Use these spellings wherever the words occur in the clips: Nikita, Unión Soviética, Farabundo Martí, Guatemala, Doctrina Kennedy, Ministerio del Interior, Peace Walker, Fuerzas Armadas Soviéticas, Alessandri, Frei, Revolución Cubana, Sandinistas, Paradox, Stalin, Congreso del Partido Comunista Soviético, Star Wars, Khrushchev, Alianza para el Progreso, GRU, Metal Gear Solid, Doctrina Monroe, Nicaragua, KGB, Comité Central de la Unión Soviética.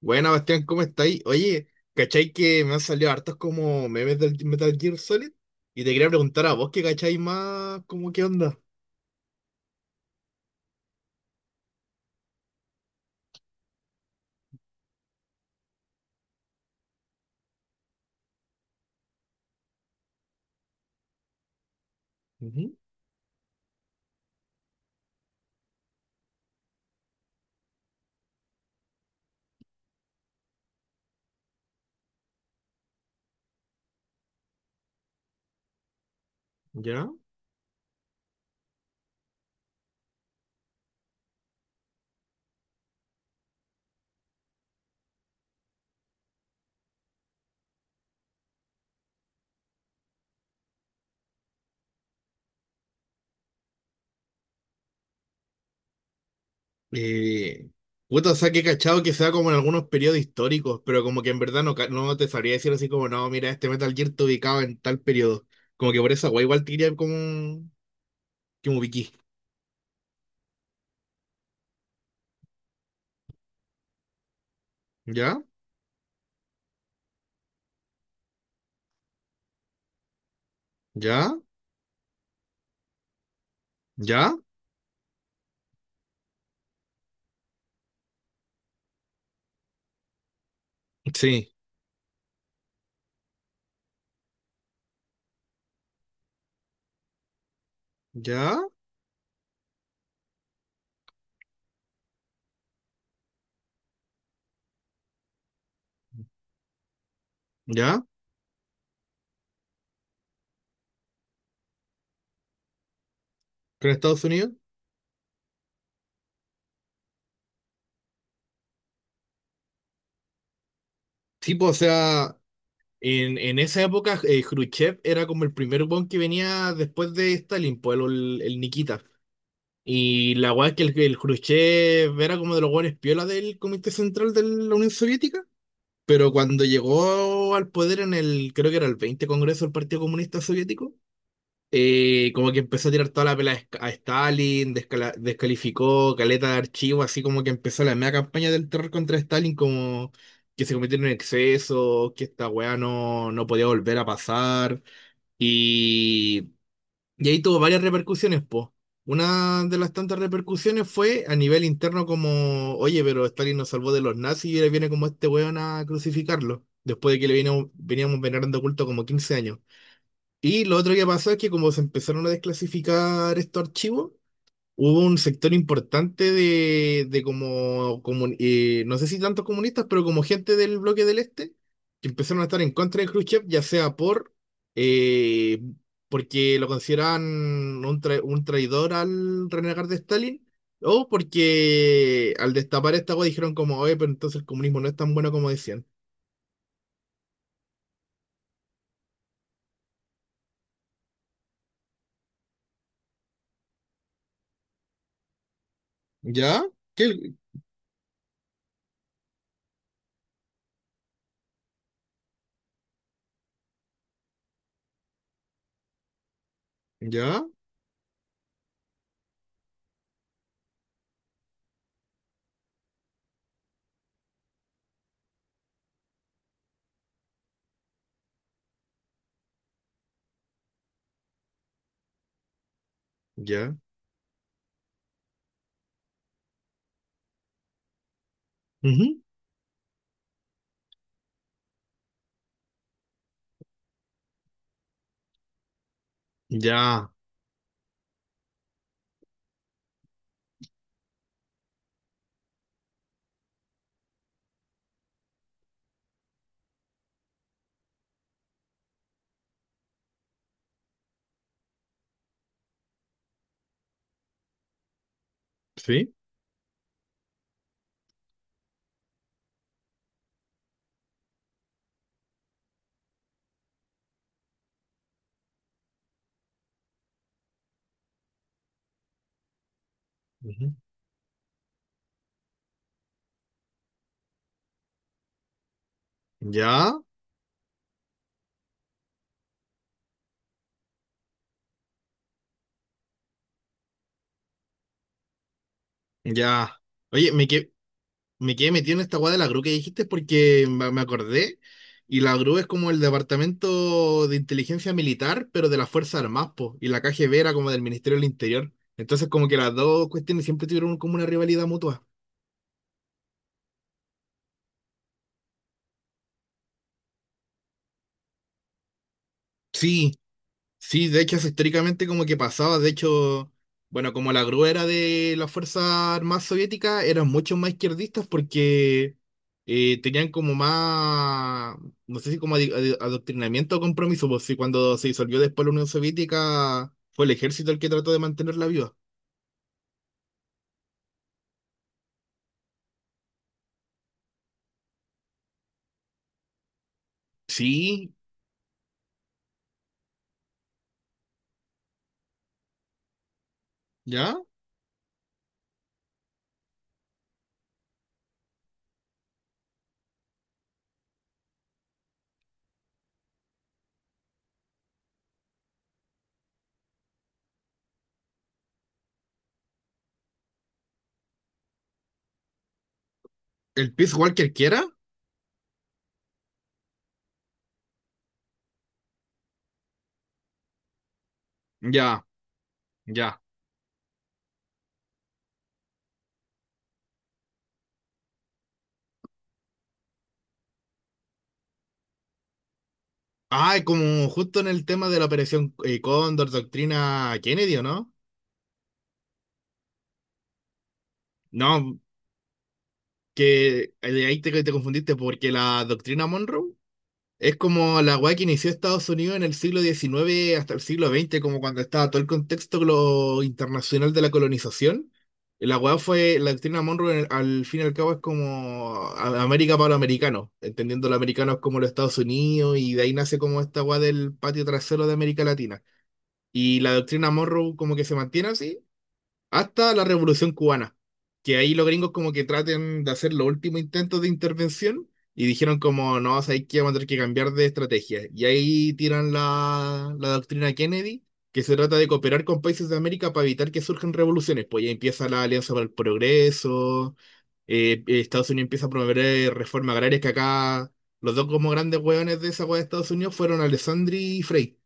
Buena, Bastián, ¿cómo estáis? Oye, ¿cachai que me han salido hartos como memes del Metal Gear Solid? Y te quería preguntar a vos que cacháis más, ¿como qué onda? Ujú. ¿Ya? Eh, puta, o sea, que he cachado que sea como en algunos periodos históricos, pero como que en verdad no, no te sabría decir así como, no, mira, este Metal Gear te ubicaba en tal periodo. Como que por esa guay igual te diría como que me ubiquí. ¿Ya? ¿Ya? ¿Ya? Sí. ¿Ya? ¿Ya? ¿Con Estados Unidos? Tipo, o sea. En esa época, Khrushchev era como el primer weón que venía después de Stalin, pues el Nikita. Y la weá es que el Khrushchev era como de los weones piola del Comité Central de la Unión Soviética. Pero cuando llegó al poder en el, creo que era el 20 Congreso del Partido Comunista Soviético, como que empezó a tirar toda la pela a a Stalin, descalificó caleta de archivo, así como que empezó la media campaña del terror contra Stalin, como que se cometieron en exceso, que esta weá no, no podía volver a pasar. Y, y ahí tuvo varias repercusiones, po. Una de las tantas repercusiones fue a nivel interno como, oye, pero Stalin nos salvó de los nazis y ahora viene como este weón a crucificarlo, después de que le veníamos venerando culto como 15 años. Y lo otro que pasó es que como se empezaron a desclasificar estos archivos, hubo un sector importante de como, no sé si tantos comunistas, pero como gente del bloque del Este, que empezaron a estar en contra de Khrushchev, ya sea por, eh, porque lo consideraban un, un traidor al renegar de Stalin, o porque al destapar esta agua dijeron como, oye, pero entonces el comunismo no es tan bueno como decían. ¿Ya? ¿Qué? ¿Ya? ¿Ya? Ujú. ¿Ya? ¿Sí? Ujú. Ya, ya. Oye, me, que, me quedé metido en esta guada de la GRU que dijiste porque me acordé. Y la GRU es como el departamento de inteligencia militar, pero de las Fuerzas Armadas, po. Y la KGB era como del Ministerio del Interior. Entonces, como que las dos cuestiones siempre tuvieron como una rivalidad mutua. Sí, sí, de hecho, eso históricamente como que pasaba, de hecho, bueno, como la gruera de las Fuerzas Armadas Soviéticas eran mucho más izquierdistas porque tenían como más, no sé si como adoctrinamiento o compromiso, pues sí, cuando se disolvió después la Unión Soviética fue el ejército el que trató de mantenerla viva. Sí, ¿ya? ¿El Peace Walker quiera? Ya, ya. Ah, como justo en el tema de la operación Cóndor, doctrina Kennedy, ¿o no? No, que de ahí te, te confundiste porque la doctrina Monroe es como la weá que inició Estados Unidos en el siglo XIX hasta el siglo XX, como cuando estaba todo el contexto internacional de la colonización. La weá fue, la doctrina Monroe al fin y al cabo es como América para los americanos, entendiendo los americanos como los Estados Unidos, y de ahí nace como esta weá del patio trasero de América Latina. Y la doctrina Monroe como que se mantiene así hasta la Revolución Cubana, que ahí los gringos como que traten de hacer los últimos intentos de intervención y dijeron como, no, sabéis que vamos a tener que cambiar de estrategia. Y ahí tiran la doctrina Kennedy, que se trata de cooperar con países de América para evitar que surjan revoluciones. Pues ya empieza la Alianza para el Progreso, Estados Unidos empieza a promover reformas agrarias que acá... Los dos como grandes hueones de esa hueá de Estados Unidos fueron Alessandri y Frei.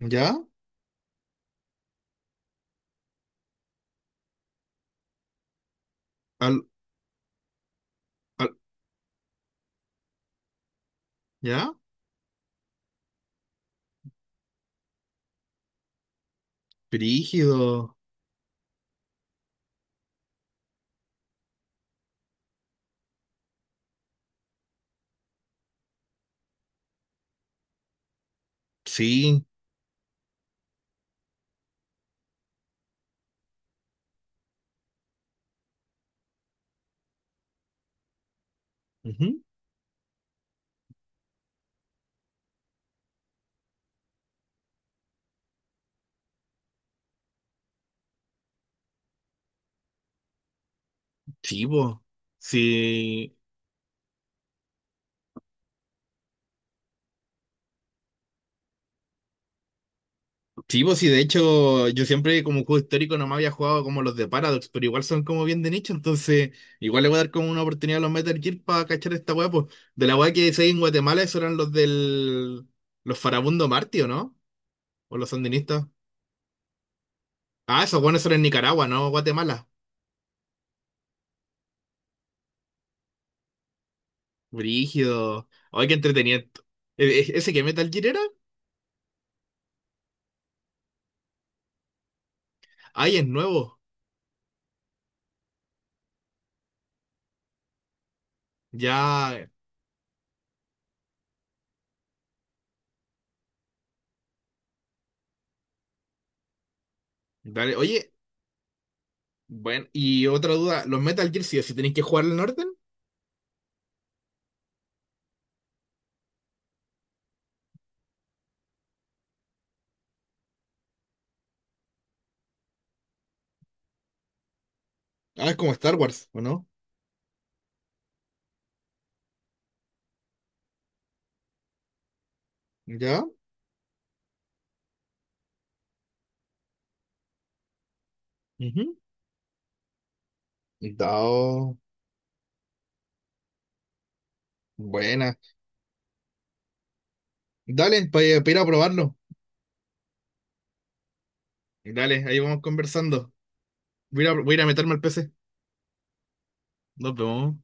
¿Ya? Al, al- ¿ya? Brígido. Sí. Ujú. Sí, vos. Sí, sí, po, sí, de hecho, yo siempre como juego histórico no me había jugado como los de Paradox, pero igual son como bien de nicho, entonces igual le voy a dar como una oportunidad a los Metal Gear para cachar esta weá, pues. De la weá que decía en Guatemala, esos eran los del. Los Farabundo Martí, ¿o no? O los sandinistas. Ah, esos buenos eran en Nicaragua, ¿no? Guatemala. Brígido. Ay, qué entretenido. ¿E- ¿Ese que Metal Gear era? Ay, es nuevo. Ya. Dale. Oye, bueno, y otra duda, ¿los Metal Gear sí o sí tenéis que jugar en orden? Ah, es como Star Wars, ¿o no? ¿Ya? Ujú. Dao. Buena. Dale, para ir a probarlo. Dale, ahí vamos conversando. Voy a, voy a ir a meterme al PC. Nos vemos.